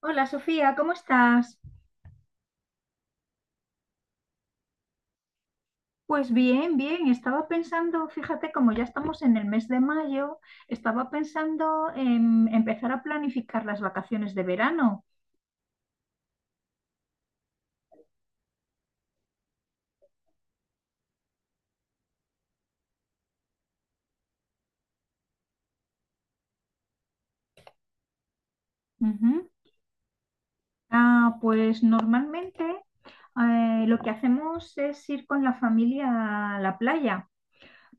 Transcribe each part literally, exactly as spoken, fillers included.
Hola Sofía, ¿cómo estás? Pues bien, bien, estaba pensando, fíjate, como ya estamos en el mes de mayo, estaba pensando en empezar a planificar las vacaciones de verano. Ujú. Ah, pues normalmente eh, lo que hacemos es ir con la familia a la playa,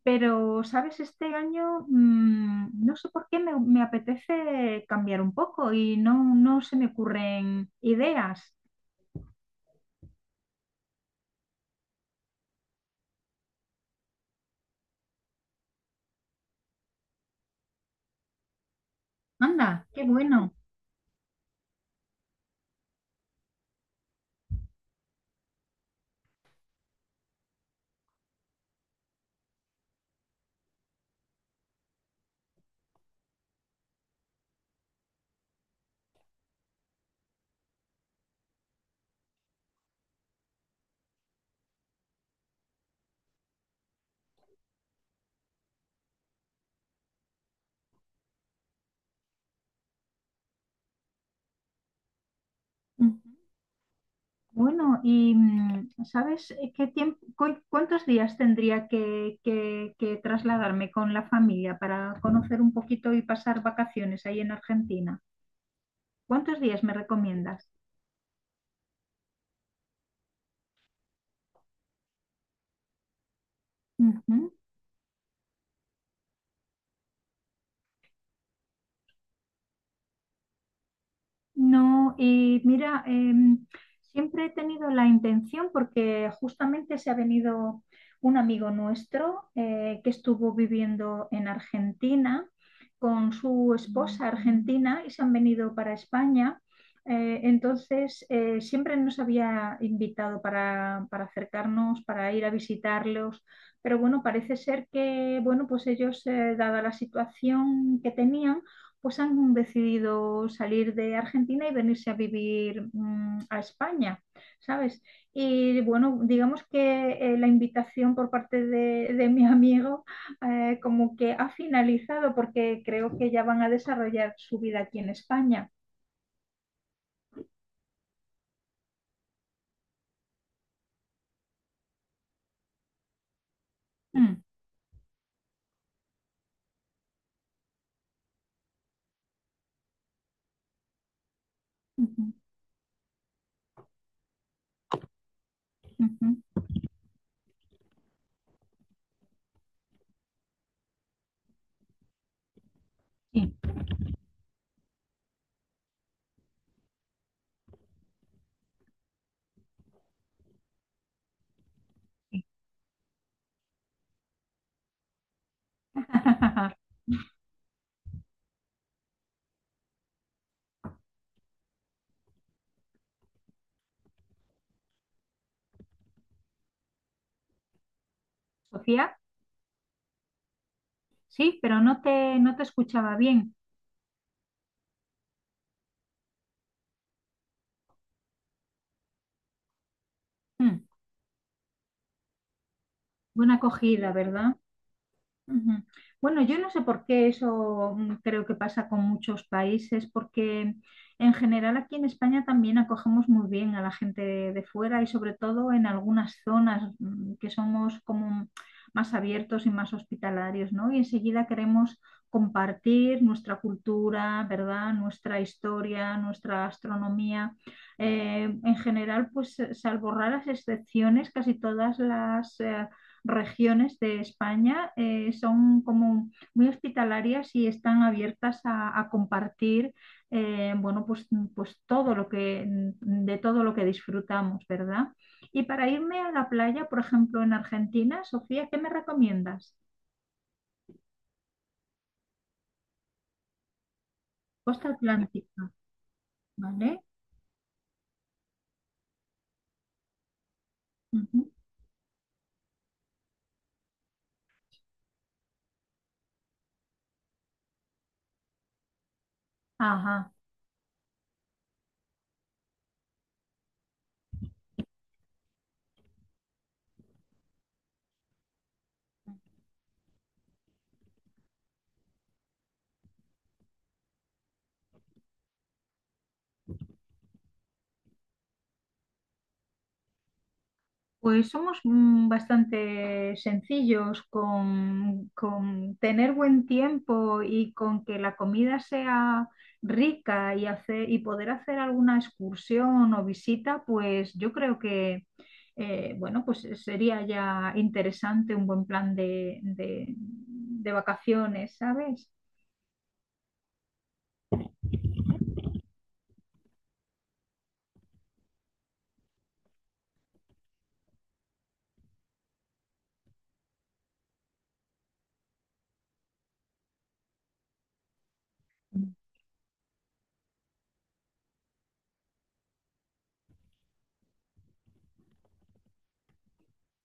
pero, ¿sabes? Este año mm, no sé por qué me, me apetece cambiar un poco y no, no se me ocurren ideas. Anda, qué bueno. Bueno, y mm, ¿sabes eh, qué tiempo, cu- cuántos días tendría que, que- que trasladarme con la familia para conocer un poquito y pasar vacaciones ahí en Argentina? ¿Cuántos días me recomiendas? Ujú. No, y mira, em, siempre he tenido la intención, porque justamente se ha venido un amigo nuestro eh, que estuvo viviendo en Argentina con su esposa argentina y se han venido para España. Eh, entonces, eh, siempre nos había invitado para, para acercarnos, para ir a visitarlos, pero bueno, parece ser que, bueno, pues ellos, eh, dada la situación que tenían, pues han decidido salir de Argentina y venirse a vivir mm, a España, ¿sabes? Y bueno, digamos que eh, la invitación por parte de, de mi amigo eh, como que ha finalizado porque creo que ya van a desarrollar su vida aquí en España. Mm, ujú, ujú, sí, sí. Sofía, sí, pero no te, no te escuchaba bien. Mm, Buena acogida, ¿verdad? Ujú. Bueno, yo no sé por qué eso, mm, creo que pasa con muchos países, porque en general aquí en España también acogemos muy bien a la gente de fuera y sobre todo en algunas zonas, mm, que somos como más abiertos y más hospitalarios, ¿no? Y enseguida queremos compartir nuestra cultura, ¿verdad? Nuestra historia, nuestra gastronomía. Eh, en general, pues eh, salvo raras excepciones, casi todas las eh, regiones de España eh, son como muy hospitalarias y están abiertas a, a compartir, eh, bueno, pues, pues todo lo que, de todo lo que disfrutamos, ¿verdad? Y para irme a la playa, por ejemplo, en Argentina, Sofía, ¿qué me recomiendas? Costa Atlántica, ¿vale? Ujú. Ajá. Pues somos, mm, bastante sencillos con, con tener buen tiempo y con que la comida sea rica y, hacer, y poder hacer alguna excursión o visita, pues yo creo que eh, bueno, pues sería ya interesante un buen plan de, de de vacaciones, ¿sabes?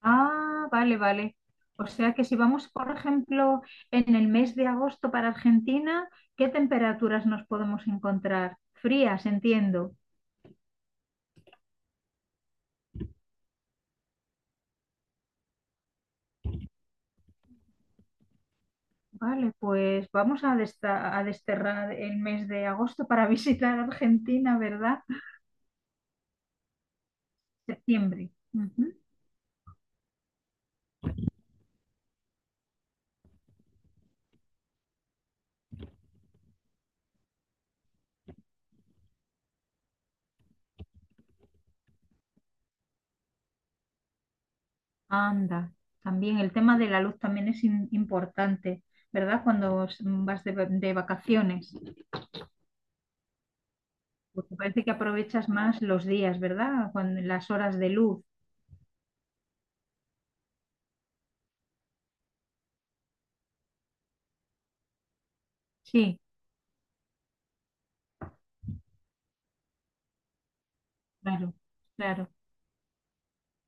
Ah, vale, vale. O sea que si vamos, por ejemplo, en el mes de agosto para Argentina, ¿qué temperaturas nos podemos encontrar? Frías, entiendo. Vale, pues vamos a, desta- a desterrar el mes de agosto para visitar Argentina, ¿verdad? Septiembre. Ujú. Anda, también el tema de la luz también es im- importante, ¿verdad? Cuando s- vas de, va- de vacaciones, porque parece que aprovechas más los días, ¿verdad? Cuando, las horas de luz. Sí. Claro, claro,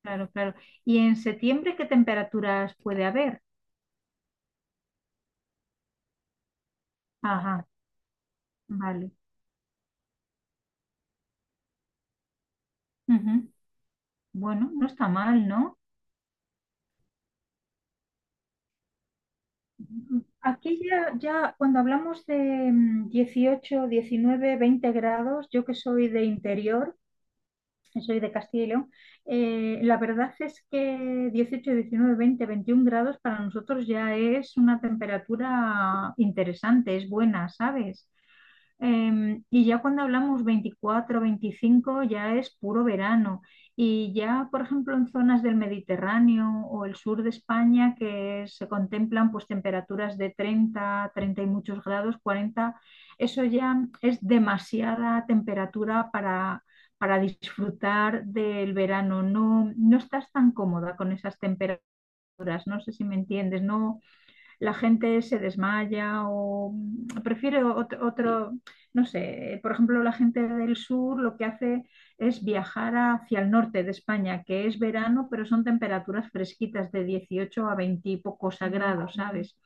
claro, claro. ¿Y en septiembre qué temperaturas puede haber? Ajá, vale. Ujú. Bueno, no está mal, ¿no? Aquí ya, ya cuando hablamos de, mm, dieciocho, diecinueve, veinte grados, yo que soy de interior, que soy de Castilla y León, eh, la verdad es que dieciocho, diecinueve, veinte, veintiún grados para nosotros ya es una temperatura interesante, es buena, ¿sabes? Em, y ya cuando hablamos veinticuatro, veinticinco, ya es puro verano. Y ya, por ejemplo, en zonas del Mediterráneo o el sur de España, que se contemplan pues temperaturas de treinta, treinta y muchos grados, cuarenta, eso ya es demasiada temperatura para, para disfrutar del verano. No, no estás tan cómoda con esas temperaturas, no sé si me entiendes, no, la gente se desmaya o, mm, prefiere ot- otro, no sé, por ejemplo, la gente del sur lo que hace es viajar hacia el norte de España, que es verano, pero son temperaturas fresquitas de dieciocho a veinte y pocos grados, ¿sabes?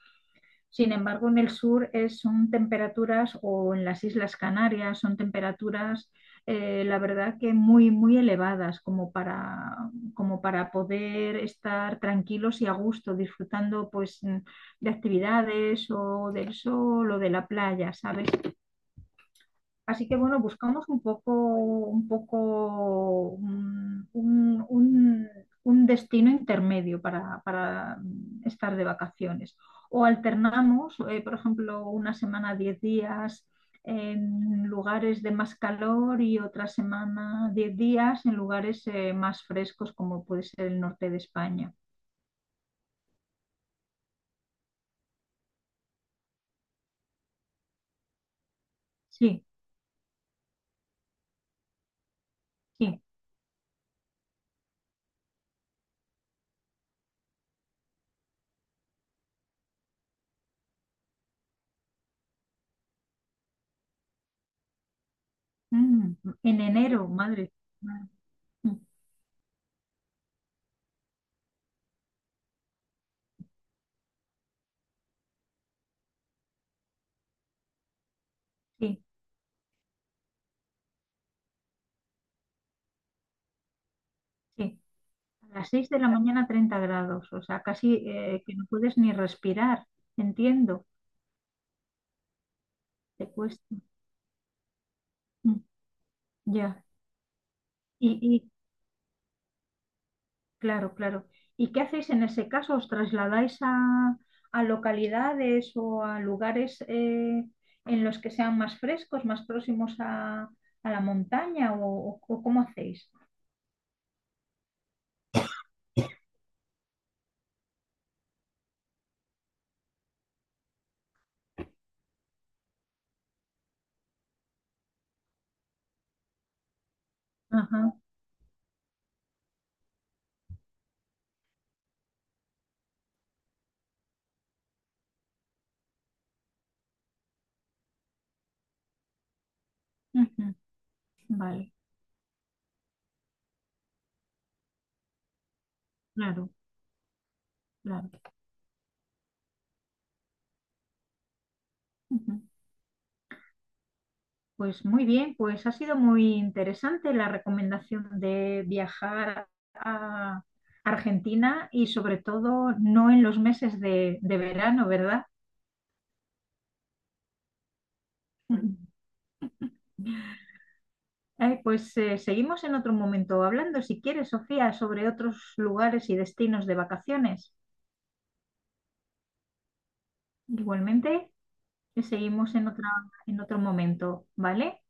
Sin embargo, en el sur es, son temperaturas, o en las Islas Canarias, son temperaturas, eh, la verdad que muy, muy elevadas, como para, como para poder estar tranquilos y a gusto, disfrutando pues, mm, de actividades o del sol o de la playa, ¿sabes? Así que bueno, buscamos un poco, un poco un, un- un- un destino intermedio para, para estar de vacaciones. O alternamos, eh, por ejemplo, una semana, diez días en lugares de más calor y otra semana, diez días en lugares, eh, más frescos, como puede ser el norte de España. Sí, sí. Mm, en enero, madre. Mm, sí, sí. A las seis de la mañana treinta grados, o sea, casi eh, que no puedes ni respirar, entiendo, te cuesta. Mm, ya, y, y, claro, claro. ¿Y qué hacéis en ese caso? ¿Os trasladáis a, a localidades o a lugares, eh, en los que sean más frescos, más próximos a, a la montaña o, o- o cómo hacéis? Ajá, ujú, vale, claro, claro. Pues muy bien, pues ha sido muy interesante la recomendación de viajar a Argentina y sobre todo no en los meses de, de verano, ¿verdad? Eh, pues eh, seguimos en otro momento hablando, si quieres, Sofía, sobre otros lugares y destinos de vacaciones. Igualmente, seguimos en otra, en otro momento, ¿vale?